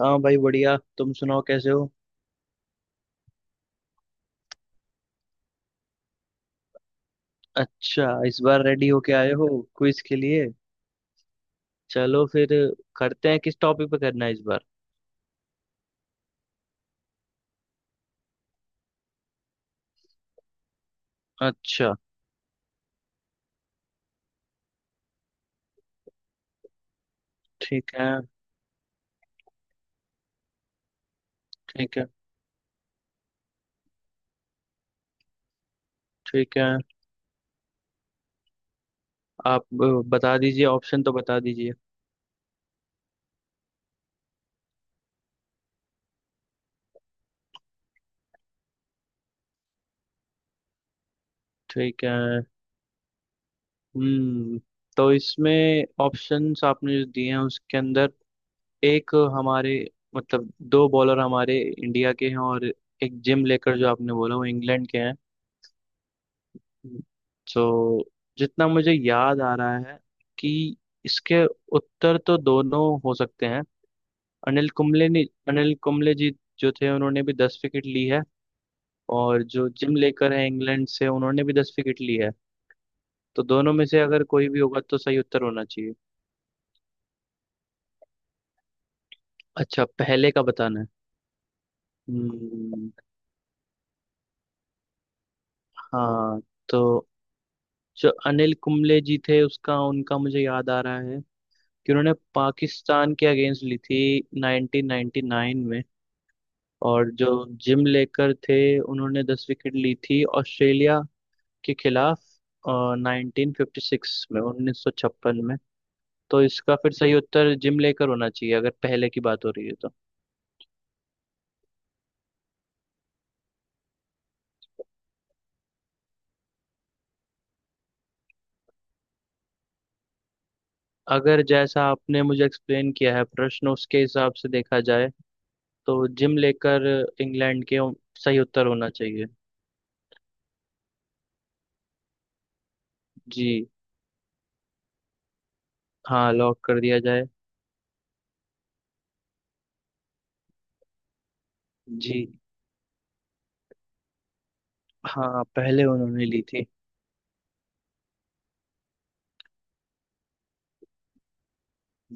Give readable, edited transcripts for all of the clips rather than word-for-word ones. हाँ भाई, बढ़िया। तुम सुनाओ, कैसे हो? अच्छा, इस बार रेडी होके आए हो? क्विज के लिए? चलो फिर, करते हैं। किस टॉपिक पे करना है इस बार? अच्छा। ठीक है। ठीक है। ठीक है, आप बता दीजिए, ऑप्शन तो बता दीजिए। ठीक है। हम्म तो इसमें ऑप्शंस आपने जो दिए हैं उसके अंदर एक हमारे, मतलब दो बॉलर हमारे इंडिया के हैं और एक जिम लेकर जो आपने बोला वो इंग्लैंड के हैं। तो जितना मुझे याद आ रहा है कि इसके उत्तर तो दोनों हो सकते हैं। अनिल कुंबले ने अनिल कुंबले जी जो थे, उन्होंने भी 10 विकेट ली है, और जो जिम लेकर है इंग्लैंड से, उन्होंने भी 10 विकेट ली है। तो दोनों में से अगर कोई भी होगा तो सही उत्तर होना चाहिए। अच्छा, पहले का बताना है। हम्म, हाँ। तो जो अनिल कुंबले जी थे उसका उनका मुझे याद आ रहा है कि उन्होंने पाकिस्तान के अगेंस्ट ली थी 1999 में। और जो जिम लेकर थे, उन्होंने 10 विकेट ली थी ऑस्ट्रेलिया के खिलाफ 1956 में, 1956 में। तो इसका फिर सही उत्तर जिम लेकर होना चाहिए अगर पहले की बात हो रही है तो। अगर जैसा आपने मुझे एक्सप्लेन किया है प्रश्न, उसके हिसाब से देखा जाए, तो जिम लेकर, इंग्लैंड के, सही उत्तर होना चाहिए। जी, हाँ, लॉक कर दिया जाए। जी, हाँ, पहले उन्होंने ली थी।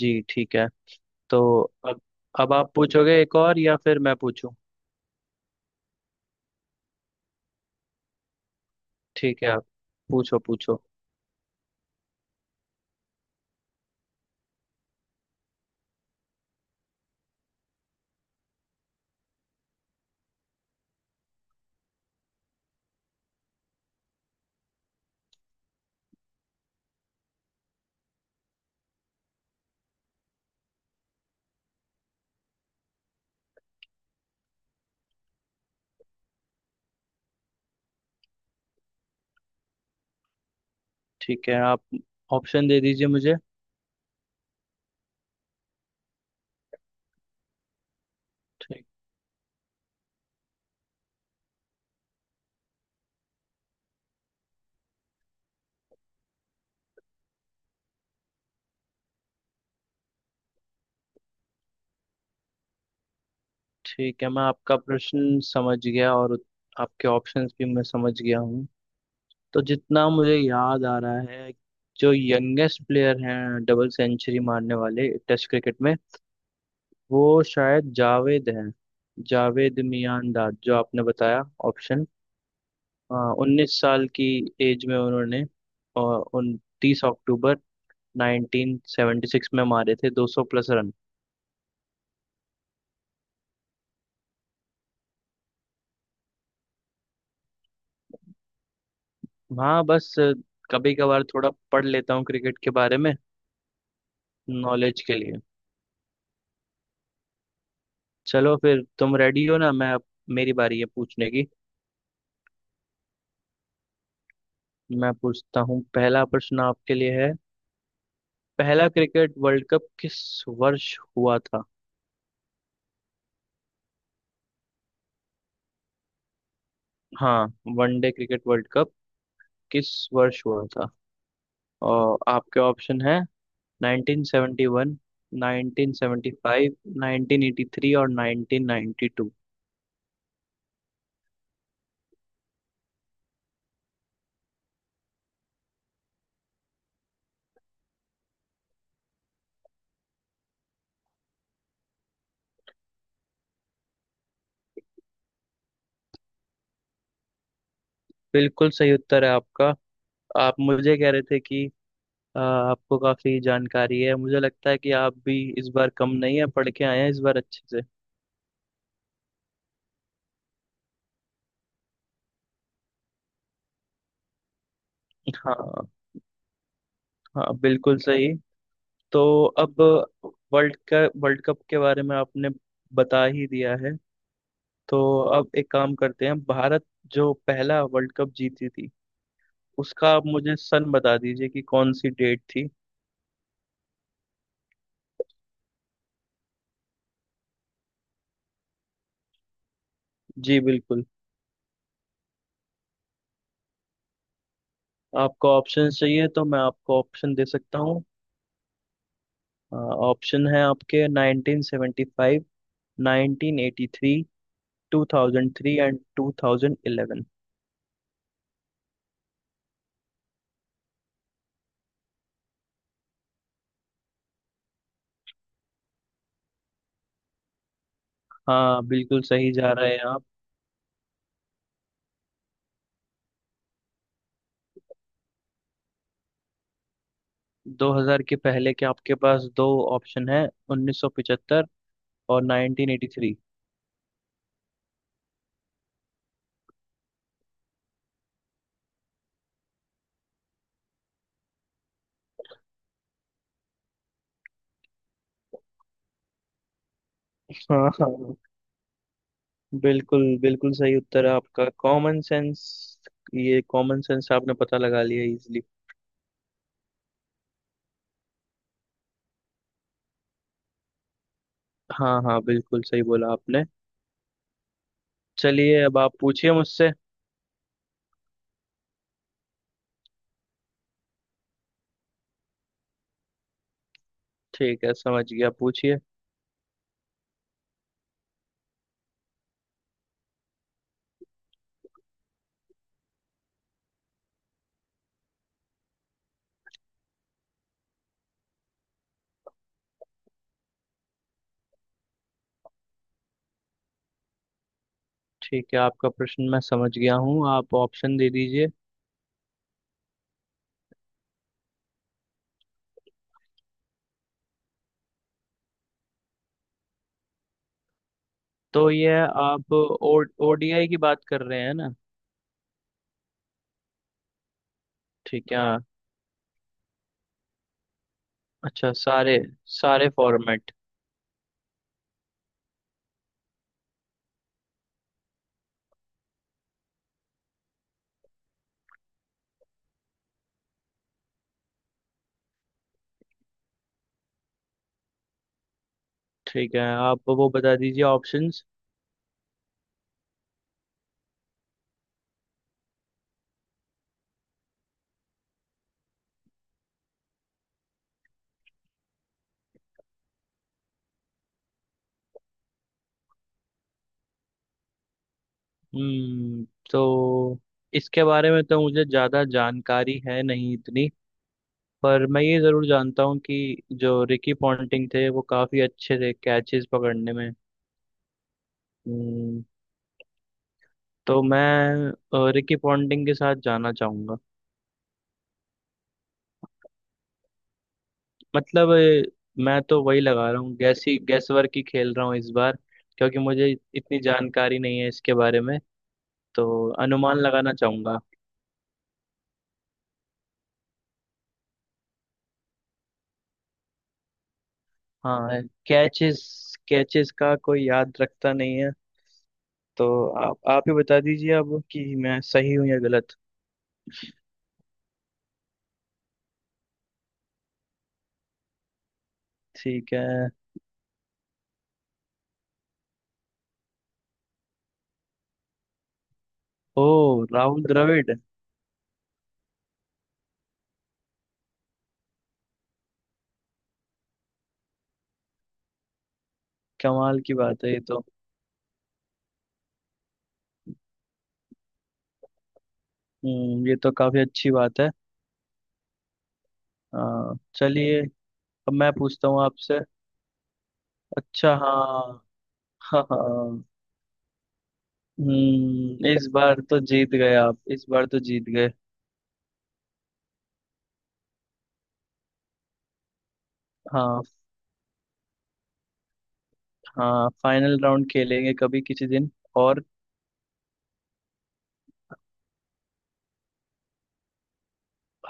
जी, ठीक है। तो अब, आप पूछोगे एक और या फिर मैं पूछूं? ठीक है, आप पूछो पूछो। ठीक है, आप ऑप्शन दे दीजिए मुझे। ठीक। ठीक है, मैं आपका प्रश्न समझ गया और आपके ऑप्शंस भी मैं समझ गया हूँ। तो जितना मुझे याद आ रहा है, जो यंगेस्ट प्लेयर हैं डबल सेंचुरी मारने वाले टेस्ट क्रिकेट में, वो शायद जावेद हैं, जावेद मियांदाद जो आपने बताया ऑप्शन। 19 साल की एज में उन्होंने 29 अक्टूबर 1976 में मारे थे 200 प्लस रन। हाँ, बस कभी कभार थोड़ा पढ़ लेता हूँ क्रिकेट के बारे में, नॉलेज के लिए। चलो फिर, तुम रेडी हो ना? मैं अब, मेरी बारी है पूछने की। मैं पूछता हूँ, पहला प्रश्न आपके लिए है। पहला क्रिकेट वर्ल्ड कप किस वर्ष हुआ था? हाँ, वनडे क्रिकेट वर्ल्ड कप किस वर्ष हुआ था? और आपके ऑप्शन है 1971, 1975, 1983 और 1992। बिल्कुल सही उत्तर है आपका। आप मुझे कह रहे थे कि आपको काफी जानकारी है। मुझे लगता है कि आप भी इस बार कम नहीं है, पढ़ के आए हैं इस बार अच्छे से। हाँ, हाँ, बिल्कुल सही। तो अब वर्ल्ड का वर्ल्ड कप के बारे में आपने बता ही दिया है। तो अब एक काम करते हैं, भारत जो पहला वर्ल्ड कप जीती थी उसका आप मुझे सन बता दीजिए कि कौन सी डेट थी। जी बिल्कुल, आपको ऑप्शन चाहिए तो मैं आपको ऑप्शन दे सकता हूँ। ऑप्शन है आपके 1975, 1983, 2003 एंड 2011। हाँ, बिल्कुल सही जा रहे हैं आप। 2000 के पहले के आपके पास दो ऑप्शन है, 1975 और 1983। हाँ, हाँ, बिल्कुल बिल्कुल सही उत्तर है आपका, कॉमन सेंस। ये कॉमन सेंस आपने पता लगा लिया इजीली। हाँ, हाँ, बिल्कुल सही बोला आपने। चलिए, अब आप पूछिए मुझसे। ठीक है, समझ गया, पूछिए। ठीक है, आपका प्रश्न मैं समझ गया हूँ, आप ऑप्शन दे दीजिए। तो ये, आप ओ ओडीआई की बात कर रहे हैं ना? ठीक है, हाँ। अच्छा, सारे सारे फॉर्मेट। ठीक है, आप वो बता दीजिए, ऑप्शंस। हम्म तो इसके बारे में तो मुझे ज़्यादा जानकारी है नहीं इतनी, पर मैं ये ज़रूर जानता हूँ कि जो रिकी पॉन्टिंग थे वो काफ़ी अच्छे थे कैचेस पकड़ने में। हम्म तो मैं, रिकी पॉन्टिंग के साथ जाना चाहूँगा। मतलब मैं तो वही लगा रहा हूँ, गैस ही गैस वर्क ही खेल रहा हूँ इस बार, क्योंकि मुझे इतनी जानकारी नहीं है इसके बारे में। तो अनुमान लगाना चाहूंगा। हाँ, कैचेस कैचेस का कोई याद रखता नहीं है। तो आप ही बता दीजिए अब कि मैं सही हूँ या गलत। ठीक है। ओ, राहुल द्रविड़। कमाल की बात है ये तो। ये तो काफी अच्छी बात है। हाँ, चलिए। अब मैं पूछता हूँ आपसे। अच्छा, हाँ, हाँ, हाँ। इस बार तो जीत गए आप, इस बार तो जीत गए। हाँ, हाँ फाइनल राउंड खेलेंगे कभी किसी दिन। और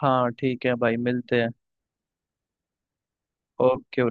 हाँ, ठीक है भाई, मिलते हैं। Okay, bro.